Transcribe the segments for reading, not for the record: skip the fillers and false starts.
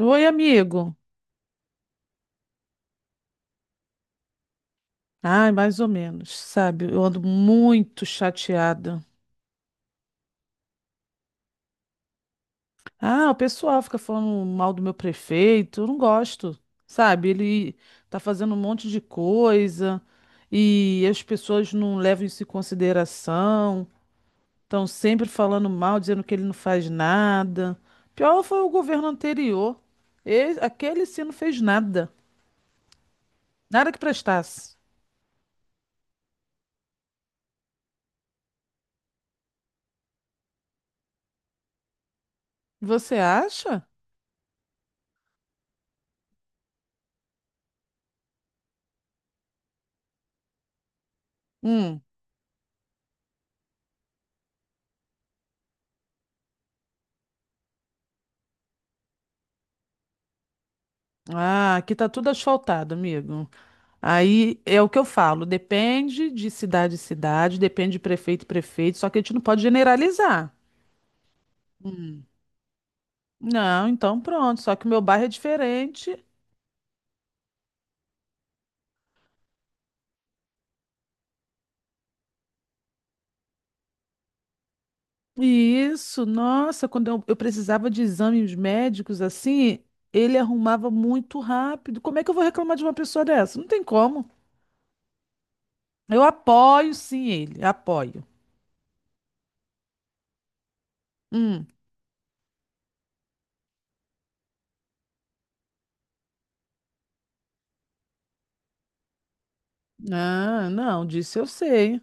Oi, amigo. Ai, mais ou menos, sabe? Eu ando muito chateada. Ah, o pessoal fica falando mal do meu prefeito. Eu não gosto, sabe? Ele tá fazendo um monte de coisa e as pessoas não levam isso em consideração. Estão sempre falando mal, dizendo que ele não faz nada. Pior foi o governo anterior. Aquele sim não fez nada. Nada que prestasse. Você acha? Hum. Ah, aqui tá tudo asfaltado, amigo. Aí é o que eu falo, depende de cidade em cidade, depende de prefeito e prefeito, só que a gente não pode generalizar. Hum. Não, então pronto, só que o meu bairro é diferente. Isso, nossa, quando eu precisava de exames médicos assim, ele arrumava muito rápido. Como é que eu vou reclamar de uma pessoa dessa? Não tem como. Eu apoio sim ele, apoio. Hum. Ah, não, disso eu sei.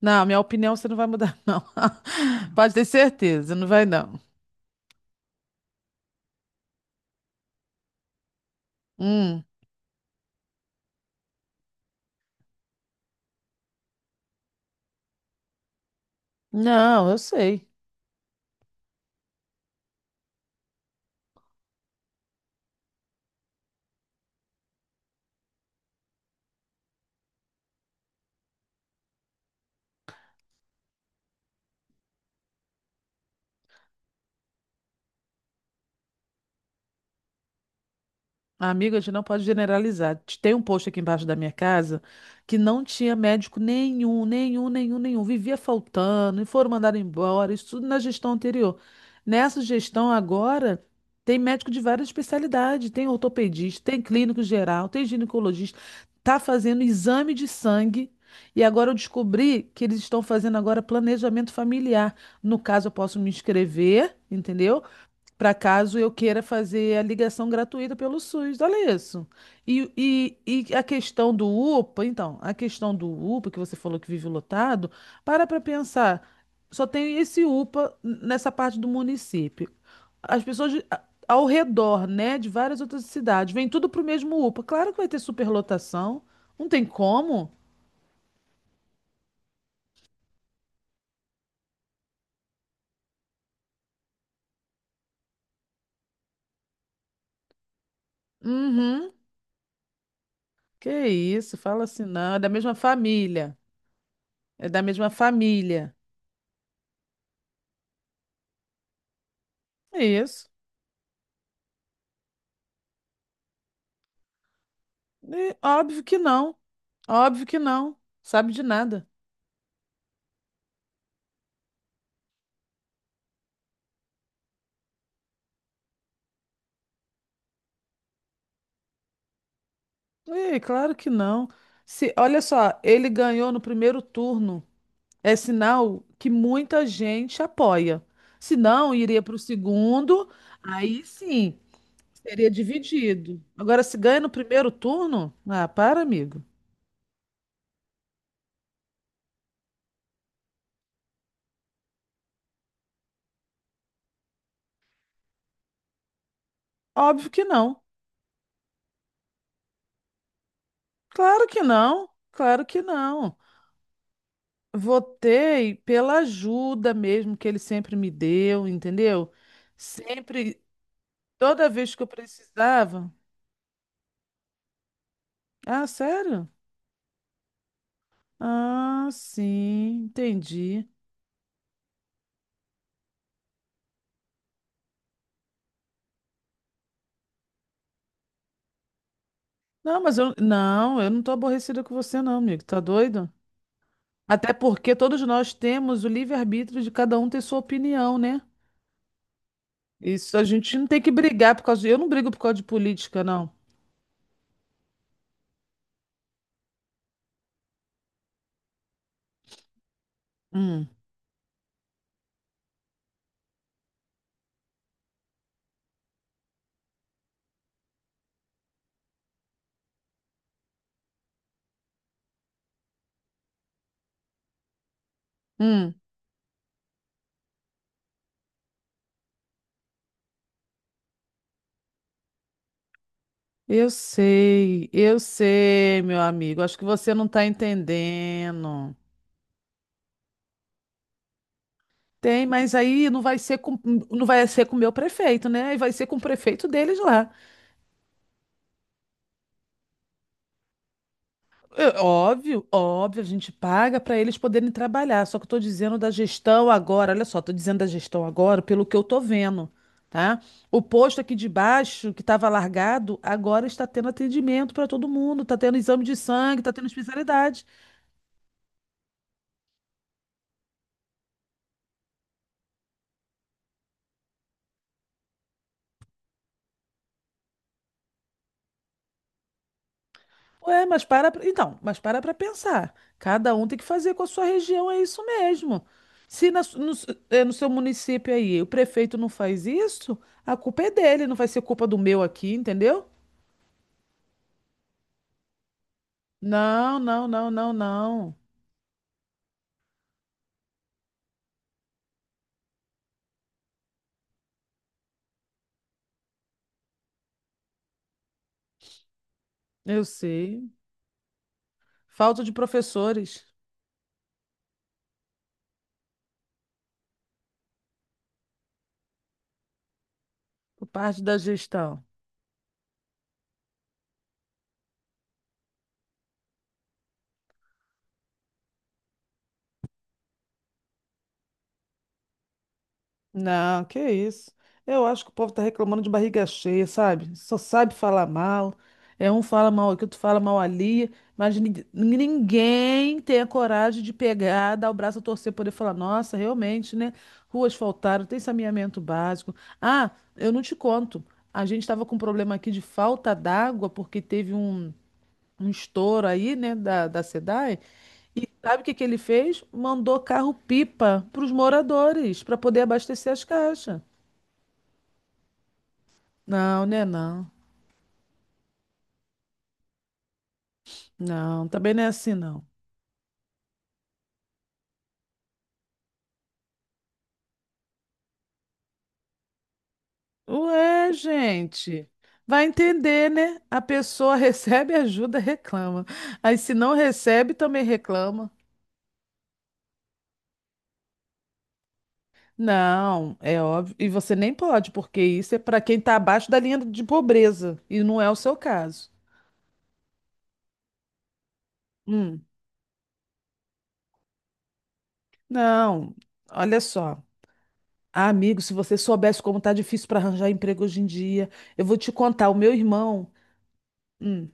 Não, minha opinião você não vai mudar, não. Pode ter certeza, não vai não. Hum. Não, eu sei. Amiga, a gente não pode generalizar. Tem um posto aqui embaixo da minha casa que não tinha médico nenhum, nenhum, nenhum, nenhum. Vivia faltando e foram mandados embora. Isso tudo na gestão anterior. Nessa gestão agora, tem médico de várias especialidades. Tem ortopedista, tem clínico geral, tem ginecologista. Tá fazendo exame de sangue. E agora eu descobri que eles estão fazendo agora planejamento familiar. No caso, eu posso me inscrever, entendeu? Para caso eu queira fazer a ligação gratuita pelo SUS. Olha isso. E, e a questão do UPA, então, a questão do UPA, que você falou que vive lotado, para pensar, só tem esse UPA nessa parte do município. As pessoas ao redor, né, de várias outras cidades, vem tudo para o mesmo UPA. Claro que vai ter superlotação, não tem como. Uhum. Que isso, fala assim, não, é da mesma família. É da mesma família. É isso. E óbvio que não. Óbvio que não. Sabe de nada. Ei, claro que não. Se, olha só, ele ganhou no primeiro turno. É sinal que muita gente apoia. Se não, iria para o segundo, aí sim, seria dividido. Agora, se ganha no primeiro turno, ah, para, amigo. Óbvio que não. Claro que não. Claro que não. Votei pela ajuda mesmo que ele sempre me deu, entendeu? Sempre toda vez que eu precisava. Ah, sério? Ah, sim, entendi. Não, mas eu não tô aborrecida com você não, amigo. Tá doido? Até porque todos nós temos o livre-arbítrio de cada um ter sua opinião, né? Isso a gente não tem que brigar por causa de... Eu não brigo por causa de política, não. Hum, hum. Eu sei, meu amigo. Acho que você não tá entendendo. Tem, mas aí não vai ser com o meu prefeito, né? E vai ser com o prefeito deles lá. É, óbvio, óbvio, a gente paga para eles poderem trabalhar. Só que eu estou dizendo da gestão agora, olha só, estou dizendo da gestão agora pelo que eu estou vendo, tá? O posto aqui de baixo, que estava largado, agora está tendo atendimento para todo mundo, está tendo exame de sangue, está tendo especialidade. Ué, então, mas para pensar. Cada um tem que fazer com a sua região, é isso mesmo. Se na su- no, su- é, no seu município aí o prefeito não faz isso, a culpa é dele, não vai ser culpa do meu aqui, entendeu? Não, não, não, não, não. Eu sei. Falta de professores por parte da gestão. Não, que isso. Eu acho que o povo tá reclamando de barriga cheia, sabe? Só sabe falar mal. É um fala mal aqui, outro fala mal ali, mas ninguém tem a coragem de pegar, dar o braço a torcer, poder falar, nossa, realmente, né? Ruas faltaram, tem saneamento básico. Ah, eu não te conto. A gente estava com um problema aqui de falta d'água, porque teve um estouro aí, né, da SEDAI. E sabe o que que ele fez? Mandou carro-pipa para os moradores, para poder abastecer as caixas. Não, né, não. Não, também não é assim, não. Ué, gente, vai entender, né? A pessoa recebe ajuda, reclama. Aí se não recebe, também reclama. Não, é óbvio. E você nem pode, porque isso é para quem está abaixo da linha de pobreza. E não é o seu caso. Hum. Não, olha só. Ah, amigo, se você soubesse como tá difícil para arranjar emprego hoje em dia, eu vou te contar. O meu irmão. hum,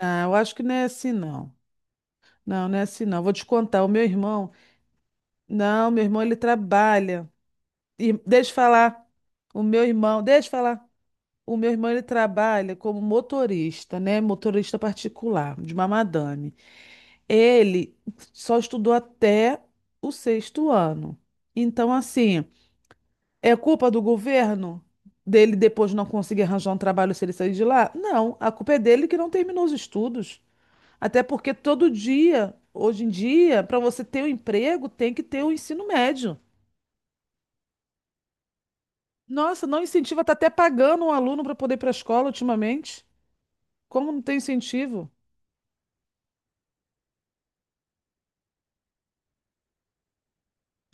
eu acho que não é assim, não. Não, não é assim, não. Vou te contar. O meu irmão. Não, meu irmão, ele trabalha. E, deixa eu falar. O meu irmão. Deixa eu falar. O meu irmão, ele trabalha como motorista, né? Motorista particular, de uma madame. Ele só estudou até o sexto ano. Então, assim. É culpa do governo dele depois não conseguir arranjar um trabalho se ele sair de lá? Não, a culpa é dele que não terminou os estudos. Até porque todo dia, hoje em dia, para você ter um emprego, tem que ter o ensino médio. Nossa, não incentiva, tá até pagando um aluno para poder ir para a escola ultimamente. Como não tem incentivo?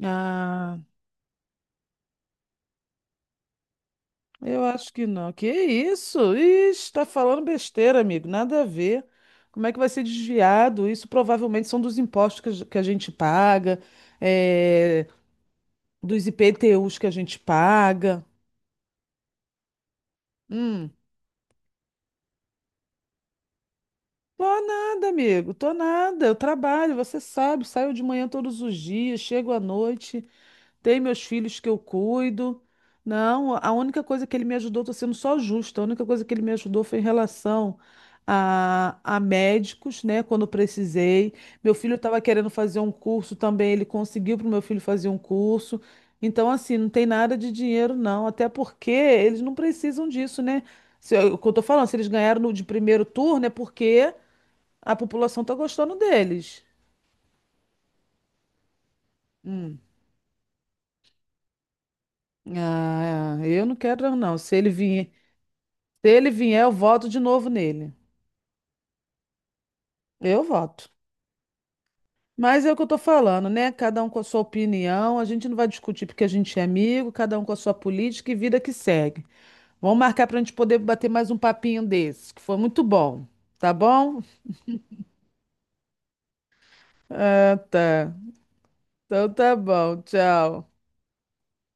Ah. Eu acho que não. Que isso? Ixi, tá falando besteira, amigo. Nada a ver. Como é que vai ser desviado? Isso provavelmente são dos impostos que que a gente paga, eh, dos IPTUs que a gente paga. Hum. Tô nada, amigo. Tô nada. Eu trabalho, você sabe. Saio de manhã todos os dias, chego à noite. Tem meus filhos que eu cuido. Não, a única coisa que ele me ajudou, estou sendo só justa, a única coisa que ele me ajudou foi em relação a médicos, né? Quando eu precisei. Meu filho estava querendo fazer um curso também, ele conseguiu para o meu filho fazer um curso. Então, assim, não tem nada de dinheiro, não. Até porque eles não precisam disso, né? Se, eu- O que eu tô falando, se eles ganharam no, de primeiro turno, é porque a população está gostando deles. Hum. Ah, é, eu não quero, não. Se ele vier. Se ele vier, eu voto de novo nele. Eu voto. Mas é o que eu tô falando, né? Cada um com a sua opinião. A gente não vai discutir porque a gente é amigo, cada um com a sua política e vida que segue. Vamos marcar pra gente poder bater mais um papinho desse, que foi muito bom. Tá bom? Ah, tá. Então tá bom. Tchau.